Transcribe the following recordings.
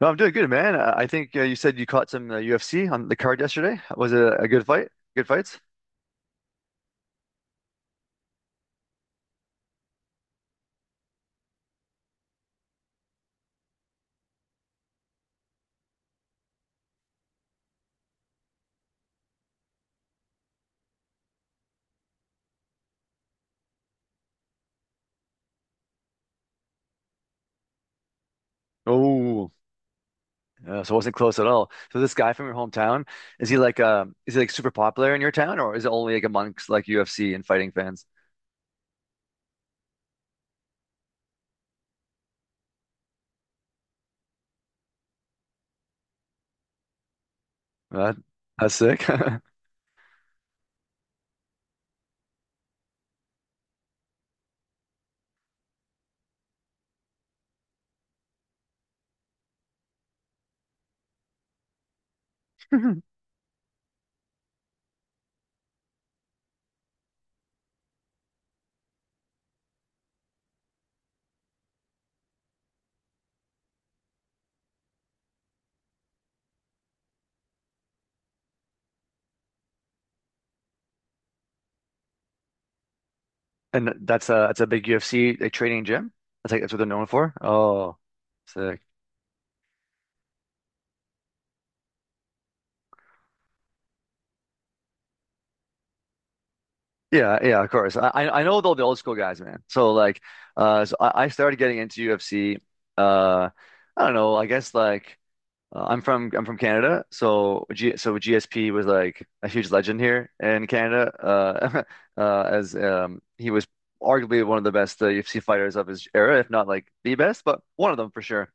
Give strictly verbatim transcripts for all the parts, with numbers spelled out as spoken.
No, I'm doing good, man. I I think uh, you said you caught some uh, U F C on the card yesterday. Was it a, a good fight? Good fights? Oh, uh, so it wasn't close at all. So this guy from your hometown, is he like uh, is he like super popular in your town, or is it only like amongst like U F C and fighting fans? That, that's sick. And that's a that's a big U F C like training gym. That's like that's what they're known for. Oh, sick. Yeah, yeah, of course. I I I know all the old school guys, man. So like, uh, so I, I started getting into U F C. Uh, I don't know. I guess like uh, I'm from I'm from Canada, so G, so G S P was like a huge legend here in Canada. Uh, uh, as um, he was arguably one of the best uh, U F C fighters of his era, if not like the best, but one of them for sure.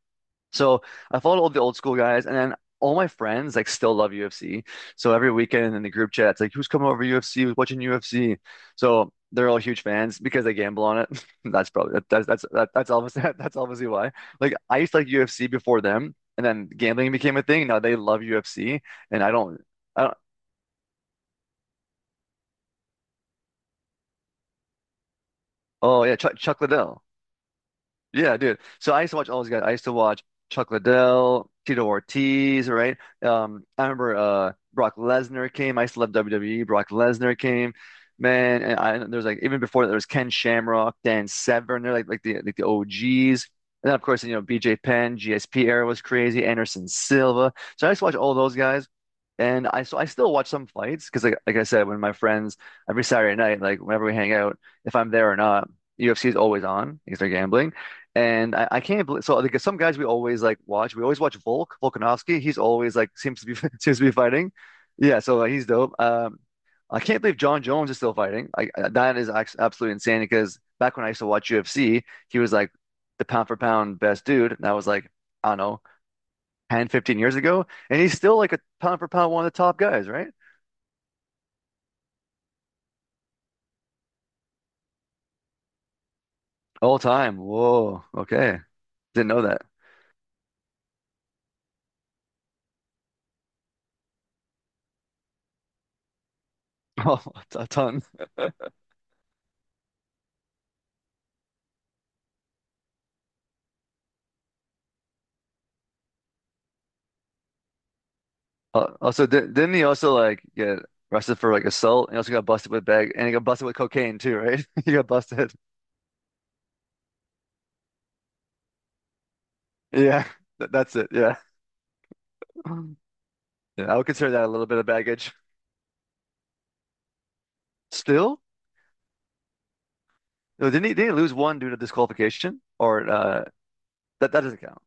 So I followed all the old school guys, and then all my friends like still love U F C. So every weekend in the group chat, it's like, who's coming over to U F C? Who's watching U F C? So they're all huge fans because I gamble on it. That's probably that, that's that's that, that's obviously that's obviously why. Like I used to like U F C before them, and then gambling became a thing. Now they love U F C, and I don't. I don't. Oh yeah, Chuck, Chuck Liddell. Yeah, dude. So I used to watch all these guys. I used to watch Chuck Liddell, Tito Ortiz, right? Um, I remember uh Brock Lesnar came. I used to love W W E. Brock Lesnar came, man. And I there was like even before that there was Ken Shamrock, Dan Severn. They're like like the like the O Gs. And then of course you know B J Penn, G S P era was crazy. Anderson Silva. So I used to watch all those guys. And I so I still watch some fights because like like I said, when my friends every Saturday night, like whenever we hang out, if I'm there or not, U F C is always on because they're gambling. And I, I can't believe so like some guys we always like watch. We always watch Volk, Volkanovski. He's always like seems to be seems to be fighting. Yeah, so like, he's dope. Um, I can't believe John Jones is still fighting. I, I- that is ac- absolutely insane because back when I used to watch U F C, he was like the pound for pound best dude. And that was like, I don't know, ten fifteen years ago. And he's still like a pound for pound one of the top guys, right? All time. Whoa. Okay. Didn't know that. Oh, a ton. Uh, also, di didn't he also like get arrested for like assault? He also got busted with bag, and he got busted with cocaine too, right? He got busted. Yeah, Th- that's it. Yeah. Mm. Yeah. I would consider that a little bit of baggage. Still, no, didn't he? Didn't he lose one due to disqualification, or uh, that that doesn't count?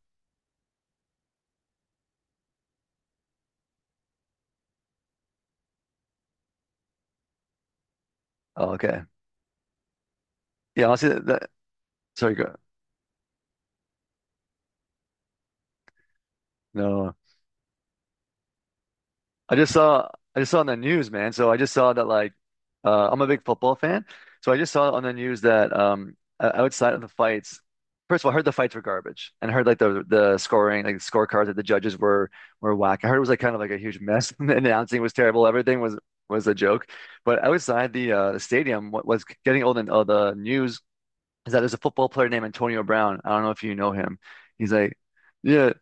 Oh, okay. Yeah, honestly, that, that sorry, go. No. I just saw I just saw on the news, man. So I just saw that like uh, I'm a big football fan. So I just saw on the news that um o- outside of the fights, first of all, I heard the fights were garbage and I heard like the the scoring, like the scorecards that the judges were were whack. I heard it was like kind of like a huge mess and the announcing was terrible. Everything was was a joke. But outside the uh the stadium, what was getting old in uh, the news is that there's a football player named Antonio Brown. I don't know if you know him. He's like, yeah,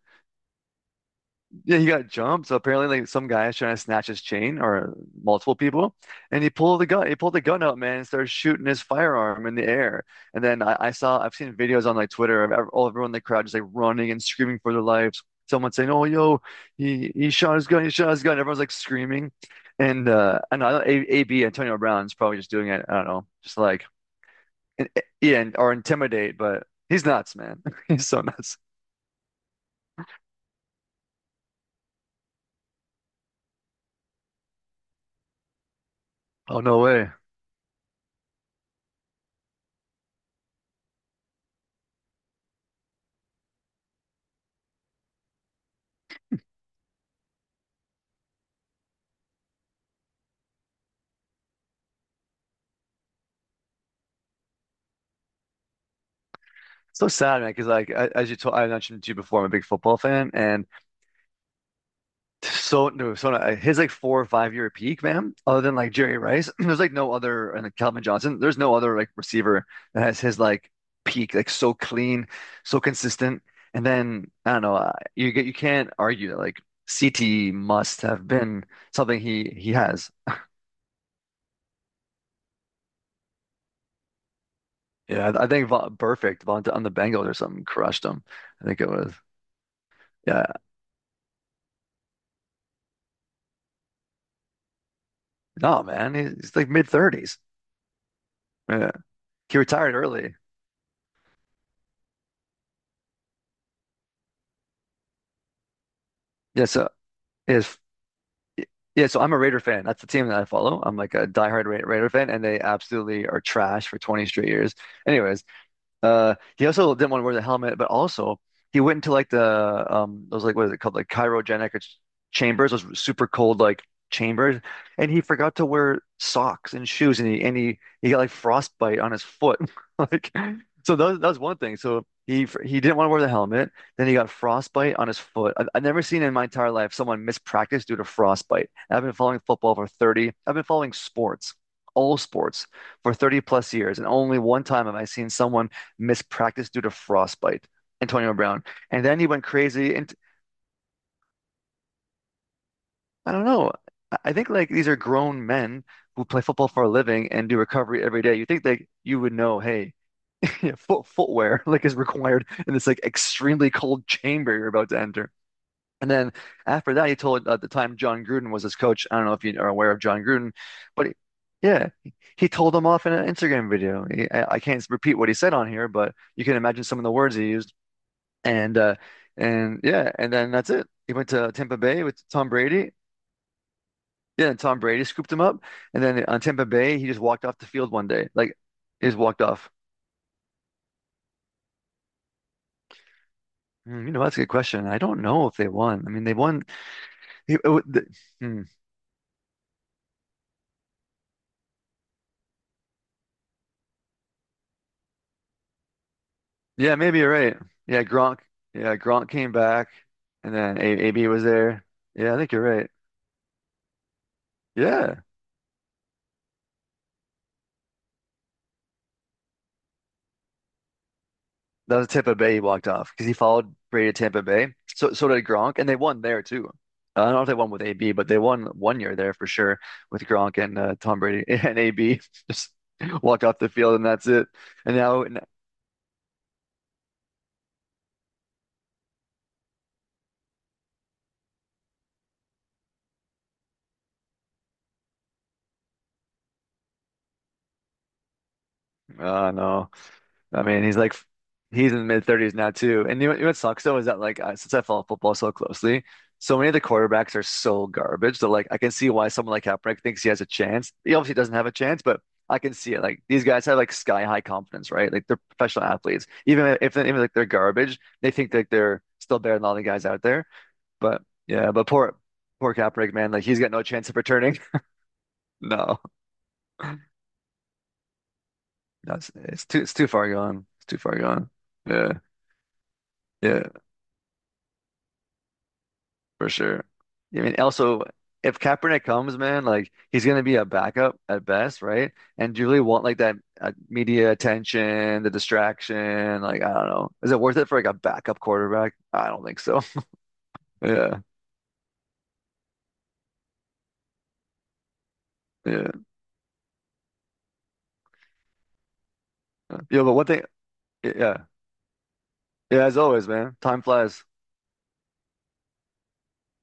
yeah, he got jumped. So apparently, like some guy is trying to snatch his chain, or multiple people, and he pulled the gun. He pulled the gun out, man, and started shooting his firearm in the air. And then I, I saw, I've seen videos on like Twitter of ev- all everyone in the crowd just like running and screaming for their lives. Someone saying, "Oh, yo, he he shot his gun. He shot his gun." Everyone's like screaming, and uh, I know A- AB. Antonio Brown's probably just doing it. I don't know, just like and, yeah, and, or intimidate, but he's nuts, man. He's so nuts. Oh no way. So sad, man. Because like a- as you told, I mentioned to you before, I'm a big football fan, and so no, so no, uh, his like four or five year peak, man. Other than like Jerry Rice, there's like no other, and like, Calvin Johnson. There's no other like receiver that has his like peak, like so clean, so consistent. And then I don't know, uh, you get you can't argue that like C T must have been something he he has. Yeah, I, I think Va perfect Von on the Bengals or something crushed him. I think it was. Yeah, no, man, he's, he's like mid thirties. He retired early. Yeah, so if yeah, so I'm a Raider fan. That's the team that I follow. I'm like a diehard Ra Raider fan, and they absolutely are trash for twenty straight years. Anyways, Uh, he also didn't want to wear the helmet, but also he went into like the um those like what is it called like cryogenic ch- chambers, those super cold like chambers, and he forgot to wear socks and shoes, and he and he, he got like frostbite on his foot, like so that was, that was one thing. So he f- he didn't want to wear the helmet, then he got frostbite on his foot. I, I've never seen in my entire life someone mispractice due to frostbite. I've been following football for thirty, I've been following sports, all sports for thirty plus years, and only one time have I seen someone missed practice due to frostbite, Antonio Brown. And then he went crazy. And I don't know. I- think like these are grown men who play football for a living and do recovery every day. You think that you would know, hey, foot footwear like is required in this like extremely cold chamber you're about to enter. And then after that, he told uh, at the time John Gruden was his coach. I don't know if you are aware of John Gruden, but he, yeah, he told him off in an Instagram video. He, I, I can't repeat what he said on here, but you can imagine some of the words he used. And uh and yeah, and then that's it. He went to Tampa Bay with Tom Brady. Yeah, and Tom Brady scooped him up. And then on Tampa Bay, he just walked off the field one day. Like he just walked off. Hmm, you know, that's a good question. I don't know if they won. I mean, they won. He- it the- hmm. Yeah, maybe you're right. Yeah, Gronk. Yeah, Gronk came back, and then A AB was there. Yeah, I think you're right. Yeah. That was Tampa Bay he walked off because he followed Brady to Tampa Bay. So so did Gronk, and they won there too. Uh, I don't know if they won with A B, but they won one year there for sure with Gronk and uh, Tom Brady and A B just walk off the field and that's it. And now, uh, no. I mean, he's like he's in mid thirties now too. And you know, you know what sucks though is that like I, since I follow football so closely, so many of the quarterbacks are so garbage that like I can see why someone like Kaepernick thinks he has a chance. He obviously doesn't have a chance, but I can see it. Like these guys have like sky high confidence, right? Like they're professional athletes. Even if even like they're garbage, they think that they're still better than all the guys out there. But yeah, but poor poor Kaepernick, man, like he's got no chance of returning. No, that's it's too it's too far gone. It's too far gone. Yeah. Yeah. For sure. I mean, also, if Kaepernick comes, man, like he's gonna be a backup at best, right? And do you really want like that uh, media attention, the distraction? Like, I don't know. Is it worth it for like a backup quarterback? I don't think so. Yeah, yeah, yeah. But one thing, yeah, yeah. As always, man, time flies.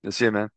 You'll see you, man.